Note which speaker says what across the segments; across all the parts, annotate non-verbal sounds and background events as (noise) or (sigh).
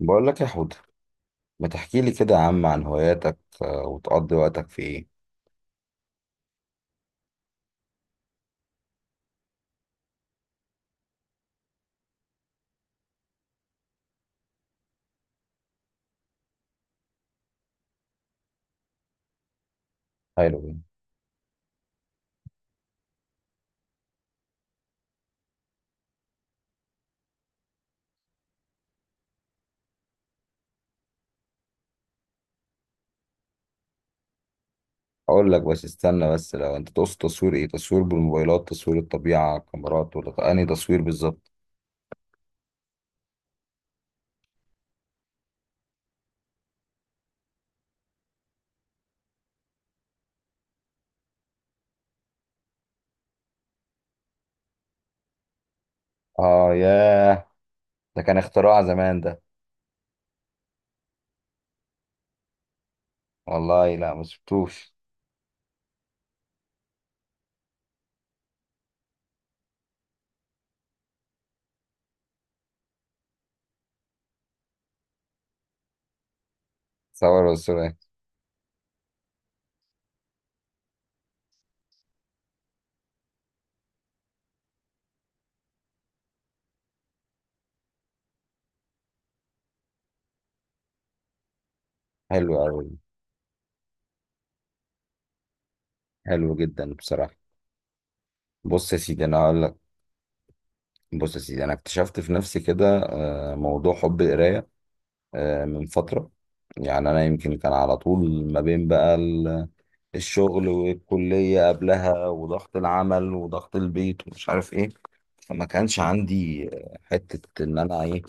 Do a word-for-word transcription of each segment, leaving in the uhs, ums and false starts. Speaker 1: بقول لك يا حود، ما تحكي لي كده يا عم عن هواياتك، آه، وتقضي وقتك في ايه. حلو ده. اقول لك بس، استنى بس، لو انت تقصد تصوير ايه؟ تصوير بالموبايلات؟ تصوير الطبيعة؟ كاميرات؟ ولا انهي تصوير بالظبط؟ اه ياه، ده كان اختراع زمان ده. والله لا، ما شفتوش. صور صور. حلو قوي. حلو جدا بصراحة. بص يا سيدي، انا هقول لك. بص يا سيدي، انا اكتشفت في نفسي كده آه، موضوع حب القراية آه، من فترة. يعني انا يمكن كان على طول ما بين بقى الشغل والكلية قبلها وضغط العمل وضغط البيت ومش عارف ايه، فما كانش عندي آه، حتة ان انا ايه،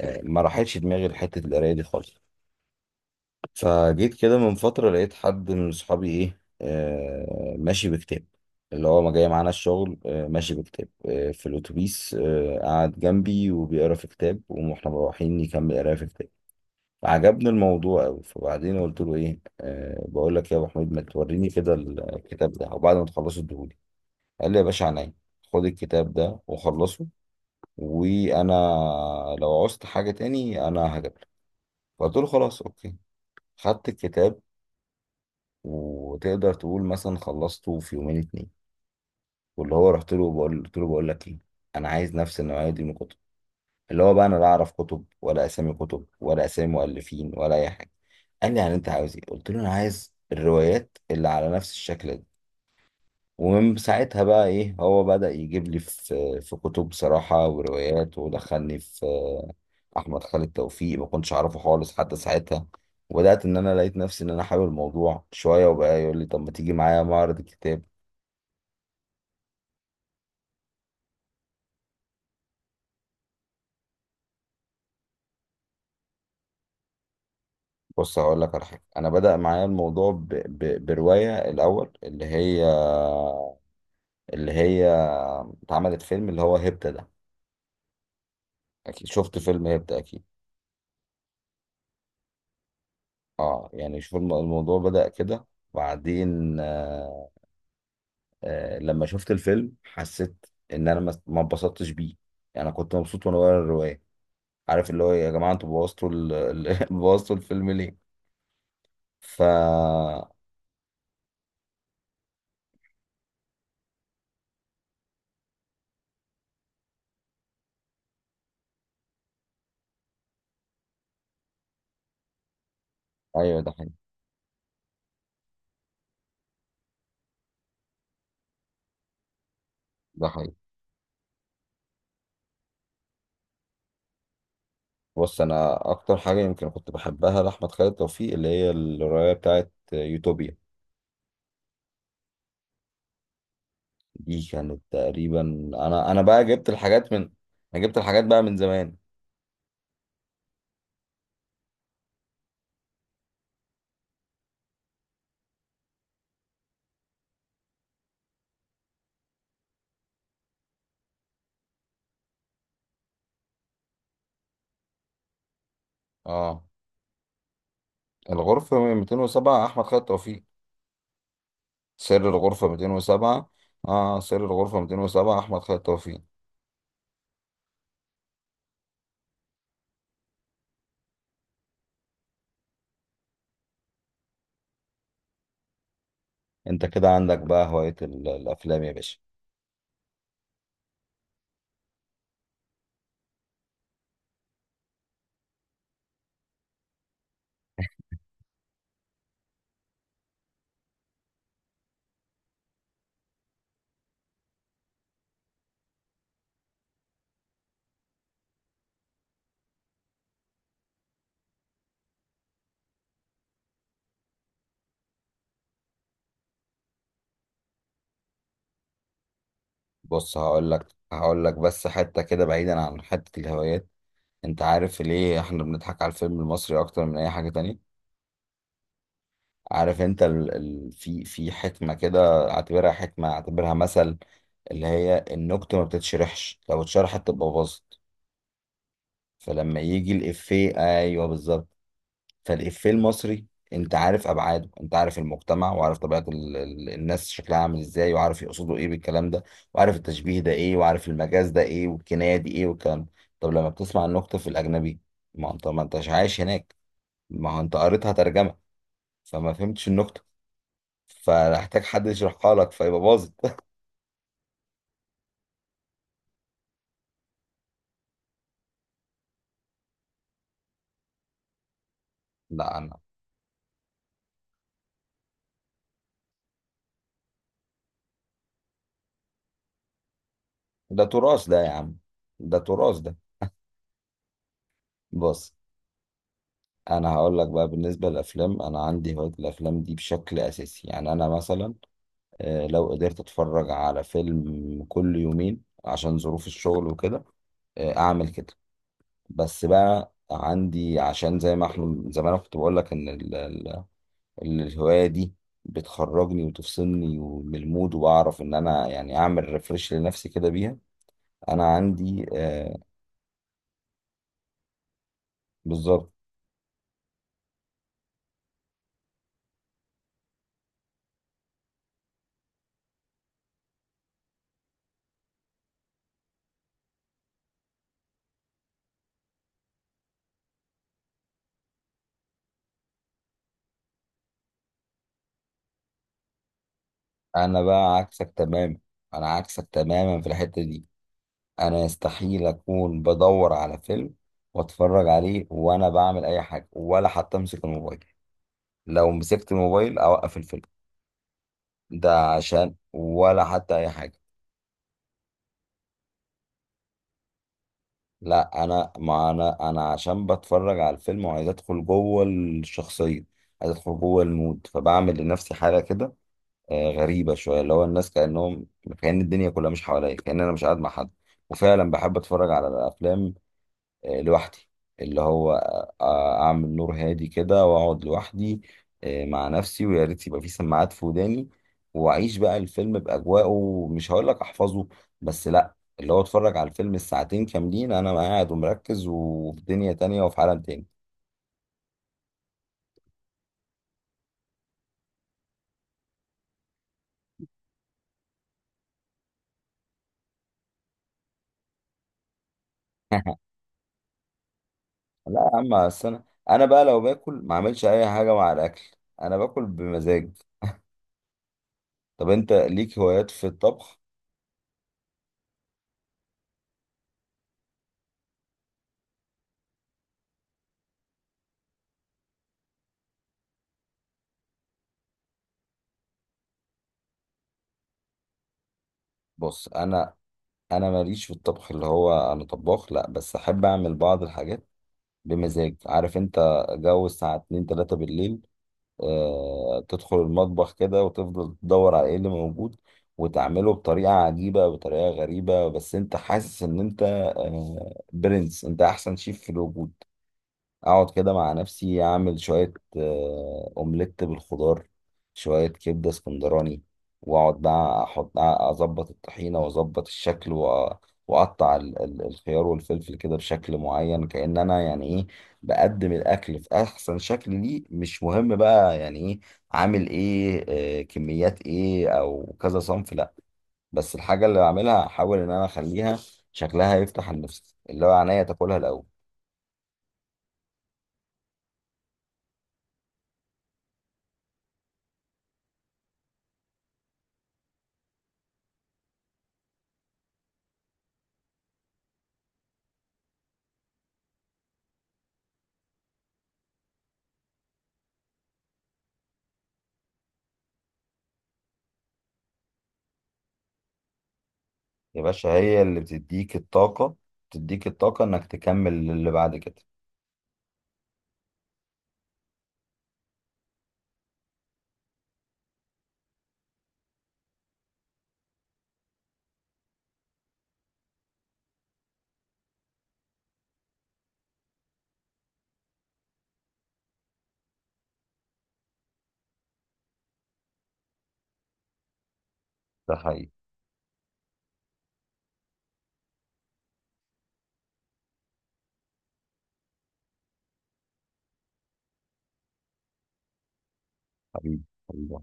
Speaker 1: آه، ما راحتش دماغي لحتة القراية دي خالص. فجيت كده من فترة لقيت حد من صحابي ايه، آه، ماشي بكتاب، اللي هو ما جاي معانا الشغل آه، ماشي بكتاب آه، في الأتوبيس، آه، قعد جنبي وبيقرا في كتاب واحنا مروحين، يكمل قرايه في كتاب. عجبني الموضوع أوي، فبعدين قلت له إيه، أه بقول لك يا أبو حميد، ما توريني كده الكتاب ده وبعد ما تخلصه اديهولي. قال لي يا باشا عينيا، خد الكتاب ده وخلصه، وأنا لو عوزت حاجة تاني أنا هجيب لك. فقلت له خلاص أوكي، خدت الكتاب، وتقدر تقول مثلا خلصته في يومين اتنين. واللي هو رحت له بقول، قلت له بقول لك إيه، أنا عايز نفس النوعية دي من الكتب، اللي هو بقى انا لا اعرف كتب ولا اسامي كتب ولا اسامي مؤلفين ولا اي حاجه. قال لي يعني انت عاوز ايه؟ قلت له انا عايز الروايات اللي على نفس الشكل ده. ومن ساعتها بقى ايه، هو بدأ يجيب لي في في كتب صراحه وروايات، ودخلني في احمد خالد توفيق. ما كنتش اعرفه خالص حتى ساعتها. وبدأت ان انا لقيت نفسي ان انا حابب الموضوع شويه. وبقى يقول لي طب ما تيجي معايا معرض الكتاب. بص هقول لك على حاجه، انا بدأ معايا الموضوع ب... ب... بروايه الاول اللي هي اللي هي اتعملت فيلم، اللي هو هيبتا ده. اكيد شفت فيلم هيبتا اكيد. اه يعني شوف، الم- الموضوع بدأ كده. وبعدين آه آه لما شفت الفيلم حسيت ان انا ما ما اتبسطتش بيه. يعني انا كنت مبسوط وانا بقرا الرواية. عارف اللي هو إيه، يا جماعة انتوا بوظتوا ال- ال- (laughs) بوظتوا الفيلم ليه. ف ايوه ده حقيقي. ده حقيقي. بص انا اكتر حاجة يمكن كنت بحبها لأحمد خالد توفيق، اللي هي الرواية بتاعت يوتوبيا. دي كانت تقريبا، انا انا بقى جبت الحاجات من، انا جبت الحاجات بقى من زمان. اه الغرفة مئتين وسبعة احمد خالد توفيق. سر الغرفة مئتين وسبعة. اه سر الغرفة مئتين وسبعة احمد خالد توفيق. انت كده عندك بقى هواية ال- الافلام يا باشا. بص هقول لك هقول لك بس حتة كده بعيدا عن حتة الهوايات. انت عارف ليه احنا بنضحك على الفيلم المصري اكتر من اي حاجة تانية؟ عارف انت ال... ال... في في حكمة كده، اعتبرها حكمة اعتبرها مثل، اللي هي النكتة ما بتتشرحش، لو اتشرحت تبقى باظت. فلما يجي الإفيه، ايوه بالظبط، فالإفيه المصري انت عارف ابعاده، انت عارف المجتمع، وعارف طبيعة ال... ال... الناس شكلها عامل ازاي، وعارف يقصدوا ايه بالكلام ده، وعارف التشبيه ده ايه، وعارف المجاز ده ايه، والكناية دي ايه، والكلام ده. طب لما بتسمع النكتة في الأجنبي، ما انت ما انتش عايش هناك، ما هو انت قريتها ترجمة، فما فهمتش النكتة، فهحتاج حد يشرحها لك، فيبقى باظت. لا انا. ده تراث ده يا عم، ده تراث ده. بص انا هقول لك بقى بالنسبه للافلام، انا عندي هوايه الافلام دي بشكل اساسي. يعني انا مثلا آه، لو قدرت اتفرج على فيلم كل يومين عشان ظروف الشغل وكده، آه، اعمل كده. بس بقى عندي عشان زي ما احنا، زي ما انا كنت بقول لك ان ال- ال- ال- الهوايه دي بتخرجني وتفصلني من المود، وبعرف ان انا يعني اعمل ريفرش لنفسي كده بيها. انا عندي آه. بالظبط. انا بقى عكسك تماما، انا عكسك تماما في الحتة دي. انا يستحيل اكون بدور على فيلم واتفرج عليه وانا بعمل اي حاجة، ولا حتى امسك الموبايل. لو مسكت الموبايل اوقف الفيلم. ده عشان ولا حتى اي حاجة. لا انا ما انا انا عشان بتفرج على الفيلم وعايز ادخل جوه الشخصية، عايز ادخل جوه المود، فبعمل لنفسي حالة كده آه، غريبة شوية، اللي هو الناس كأنهم، كأن الدنيا كلها مش حواليا، كأن أنا مش قاعد مع حد. وفعلا بحب أتفرج على الأفلام آه، لوحدي. اللي هو آه، آه، أعمل نور هادي كده وأقعد لوحدي آه، مع نفسي، ويا ريت يبقى في سماعات في وداني، وأعيش بقى الفيلم بأجواءه. مش هقول لك أحفظه، بس لأ اللي هو أتفرج على الفيلم الساعتين كاملين أنا قاعد ومركز وفي دنيا تانية وفي عالم تاني. (laughs) لا يا عم أصل أنا، أنا بقى لو باكل ما أعملش أي حاجة مع الأكل. أنا باكل بمزاج. طب انت ليك هوايات في الطبخ؟ بص انا انا ماليش في الطبخ، اللي هو انا طباخ، لا، بس احب اعمل بعض الحاجات بمزاج. عارف انت جو الساعه اتنين تلاته بالليل، آه تدخل المطبخ كده وتفضل تدور على ايه اللي موجود، وتعمله بطريقه عجيبه بطريقه غريبه، بس انت حاسس ان انت آه برنس، انت احسن شيف في الوجود. اقعد كده مع نفسي اعمل شوية آه، اومليت بالخضار، شوية كبدة اسكندراني، واقعد بقى احط، اظبط الطحينة واظبط الشكل، وأ- واقطع ال- ال- الخيار والفلفل كده بشكل معين، كأن انا يعني ايه، بقدم الاكل في احسن شكل ليه. مش مهم بقى يعني ايه عامل ايه، آه، كميات ايه او كذا صنف، لا، بس الحاجة اللي بعملها احاول ان انا اخليها شكلها يفتح النفس، اللي هو عينيا تاكلها الاول. يا باشا هي اللي بتديك الطاقة، بتديك الطاقة انك تكمل اللي بعد كده. ده حقيقي. حبيبي، حبيبي.